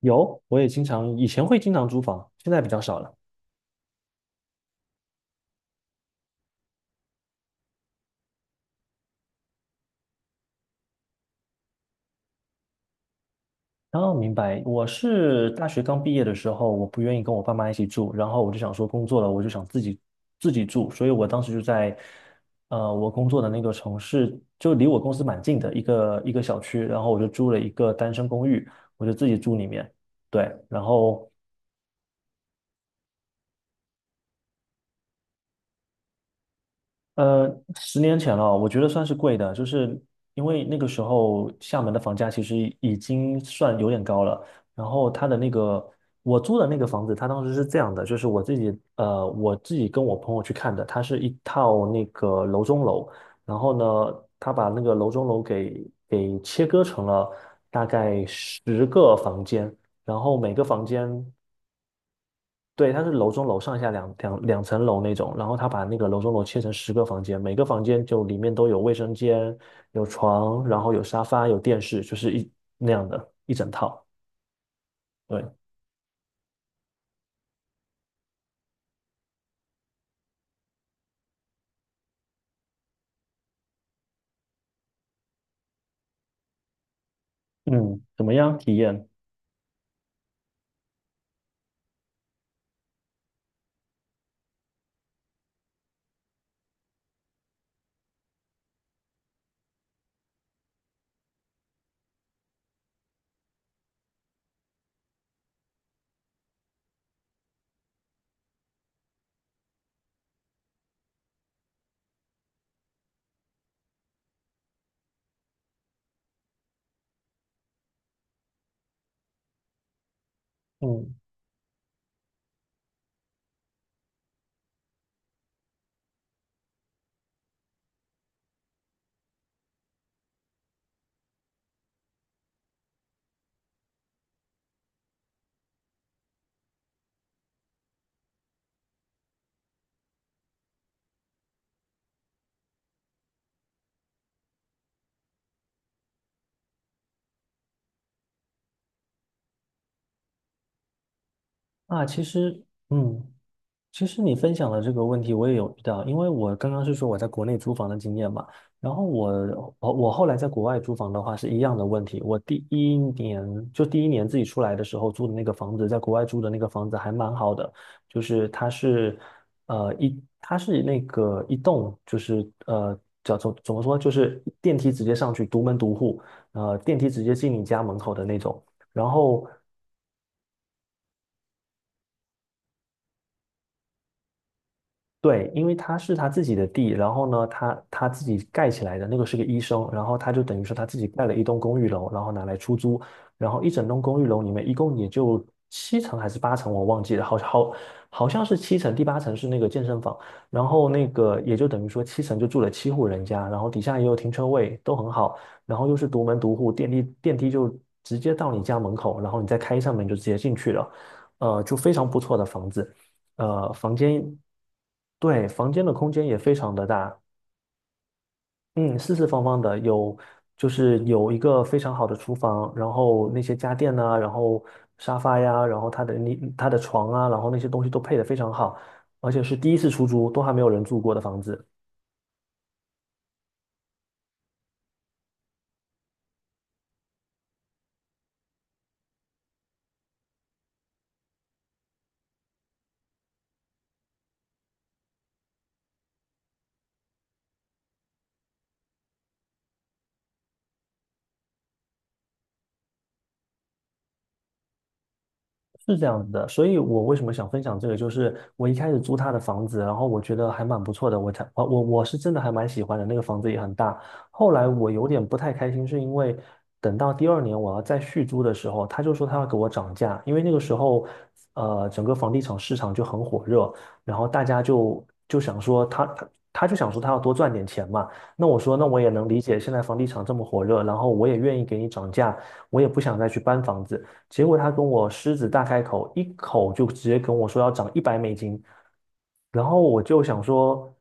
有，我也经常，以前会经常租房，现在比较少了。哦，明白，我是大学刚毕业的时候，我不愿意跟我爸妈一起住，然后我就想说工作了，我就想自己住，所以我当时就在，我工作的那个城市就离我公司蛮近的一个小区，然后我就租了一个单身公寓，我就自己住里面，对，然后呃，10年前了，我觉得算是贵的，就是因为那个时候厦门的房价其实已经算有点高了。然后它的那个我租的那个房子，它当时是这样的，就是我自己跟我朋友去看的，它是一套那个楼中楼，然后呢，他把那个楼中楼给切割成了大概十个房间，然后每个房间对，它是楼中楼上下两层楼那种，然后他把那个楼中楼切成十个房间，每个房间就里面都有卫生间、有床，然后有沙发、有电视，就是那样的一整套。对，嗯，怎么样体验？嗯，啊，其实，嗯。其实你分享的这个问题我也有遇到，因为我刚刚是说我在国内租房的经验嘛，然后我后来在国外租房的话是一样的问题。我第一年自己出来的时候租的那个房子，在国外租的那个房子还蛮好的，就是它是那个一栋就是叫做怎么说就是电梯直接上去独门独户，电梯直接进你家门口的那种。然后对，因为他是他自己的地，然后呢，他他自己盖起来的，那个是个医生，然后他就等于说他自己盖了一栋公寓楼，然后拿来出租，然后一整栋公寓楼里面一共也就七层还是八层，我忘记了，好像是七层，第8层是那个健身房，然后那个也就等于说七层就住了7户人家，然后底下也有停车位，都很好，然后又是独门独户，电梯就直接到你家门口，然后你再开一扇门就直接进去了，就非常不错的房子。呃，房间对，房间的空间也非常的大，嗯，四四方方的，就是有一个非常好的厨房，然后那些家电呐、然后沙发呀，然后它的床啊，然后那些东西都配得非常好，而且是第一次出租，都还没有人住过的房子。是这样子的，所以我为什么想分享这个，就是我一开始租他的房子，然后我觉得还蛮不错的，我才我我我是真的还蛮喜欢的，那个房子也很大。后来我有点不太开心，是因为等到第二年我要再续租的时候，他就说他要给我涨价，因为那个时候整个房地产市场就很火热，然后大家就想说他要多赚点钱嘛。那我说那我也能理解，现在房地产这么火热，然后我也愿意给你涨价，我也不想再去搬房子。结果他跟我狮子大开口，一口就直接跟我说要涨一百美金，然后我就想说，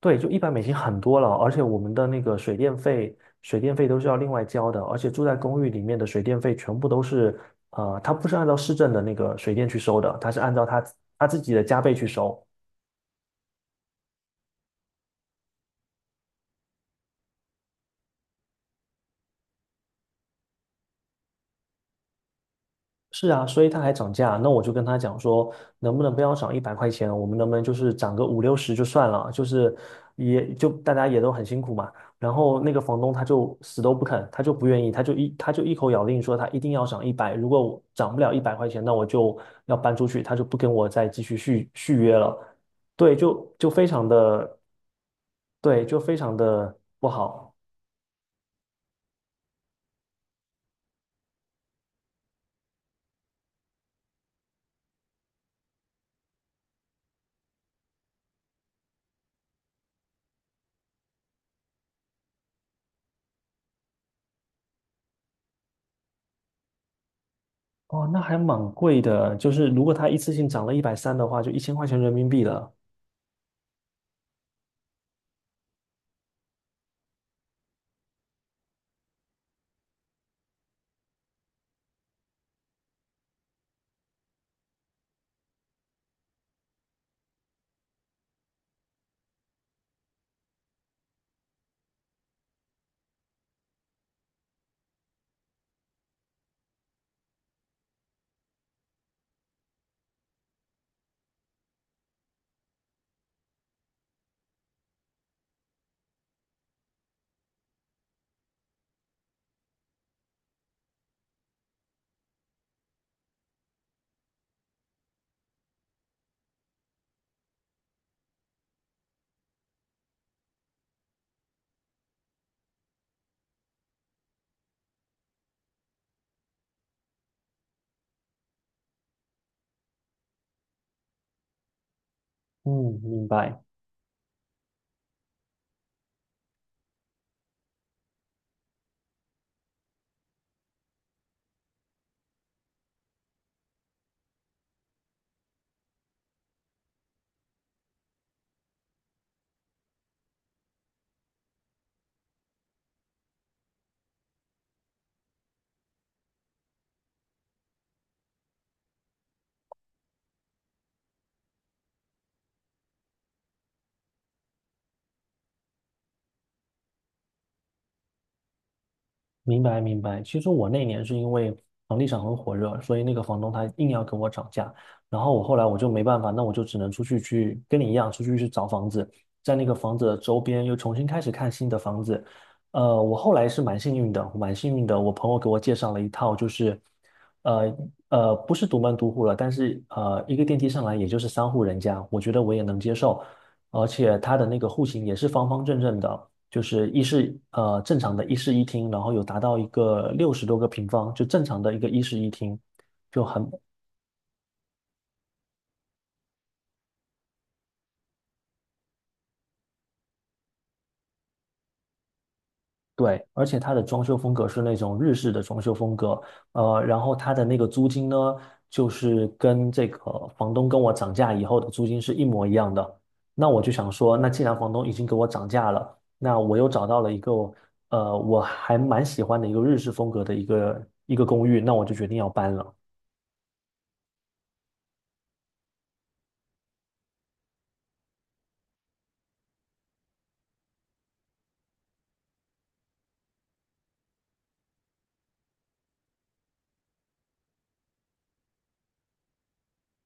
对，就一百美金很多了，而且我们的那个水电费都是要另外交的，而且住在公寓里面的水电费全部都是，他不是按照市政的那个水电去收的，他是按照他自己的加倍去收，是啊，所以他还涨价，那我就跟他讲说，能不能不要涨一百块钱，我们能不能就是涨个五六十就算了，就是也就大家也都很辛苦嘛。然后那个房东他就死都不肯，他就不愿意，他就一口咬定说他一定要涨一百，如果我涨不了一百块钱，那我就要搬出去，他就不跟我再继续续约了。对，就非常的，对，就非常的不好。哦，那还蛮贵的，就是如果他一次性涨了130的话，就1000块钱人民币了。嗯，明白，明白，明白。其实我那年是因为房地产很火热，所以那个房东他硬要跟我涨价，然后我后来就没办法，那我就只能出去跟你一样出去找房子，在那个房子的周边又重新开始看新的房子。我后来是蛮幸运的，蛮幸运的，我朋友给我介绍了一套，就是呃不是独门独户了，但是一个电梯上来也就是3户人家，我觉得我也能接受，而且它的那个户型也是方方正正的。就是一室正常的一室一厅，然后有达到一个60多个平方，就正常的一个一室一厅，就很对，而且它的装修风格是那种日式的装修风格，然后它的那个租金呢，就是跟这个房东跟我涨价以后的租金是一模一样的。那我就想说，那既然房东已经给我涨价了，那我又找到了一个我还蛮喜欢的一个日式风格的一个公寓，那我就决定要搬了。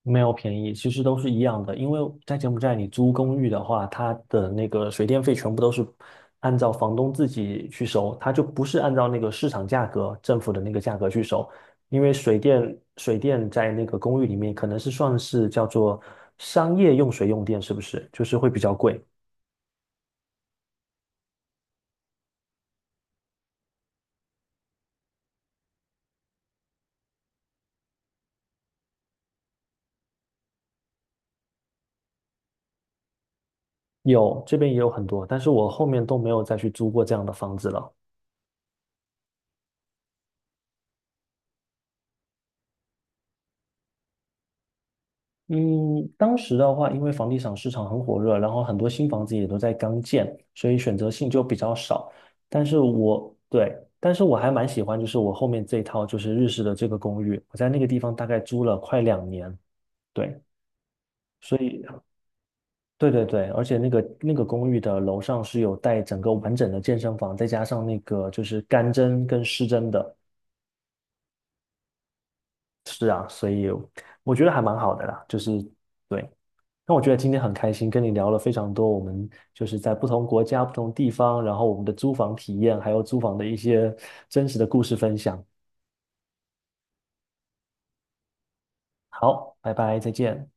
没有便宜，其实都是一样的。因为在柬埔寨，你租公寓的话，它的那个水电费全部都是按照房东自己去收，它就不是按照那个市场价格、政府的那个价格去收。因为水电在那个公寓里面可能是算是叫做商业用水用电，是不是？就是会比较贵。有，这边也有很多，但是我后面都没有再去租过这样的房子了。嗯，当时的话，因为房地产市场很火热，然后很多新房子也都在刚建，所以选择性就比较少。但是我，对，但是我还蛮喜欢，就是我后面这一套就是日式的这个公寓，我在那个地方大概租了快2年，对，所以，对对对，而且那个公寓的楼上是有带整个完整的健身房，再加上那个就是干蒸跟湿蒸的，也有，我觉得还蛮好的啦，就是对，那我觉得今天很开心，跟你聊了非常多，我们就是在不同国家、不同地方，然后我们的租房体验，还有租房的一些真实的故事分享。好，拜拜，再见。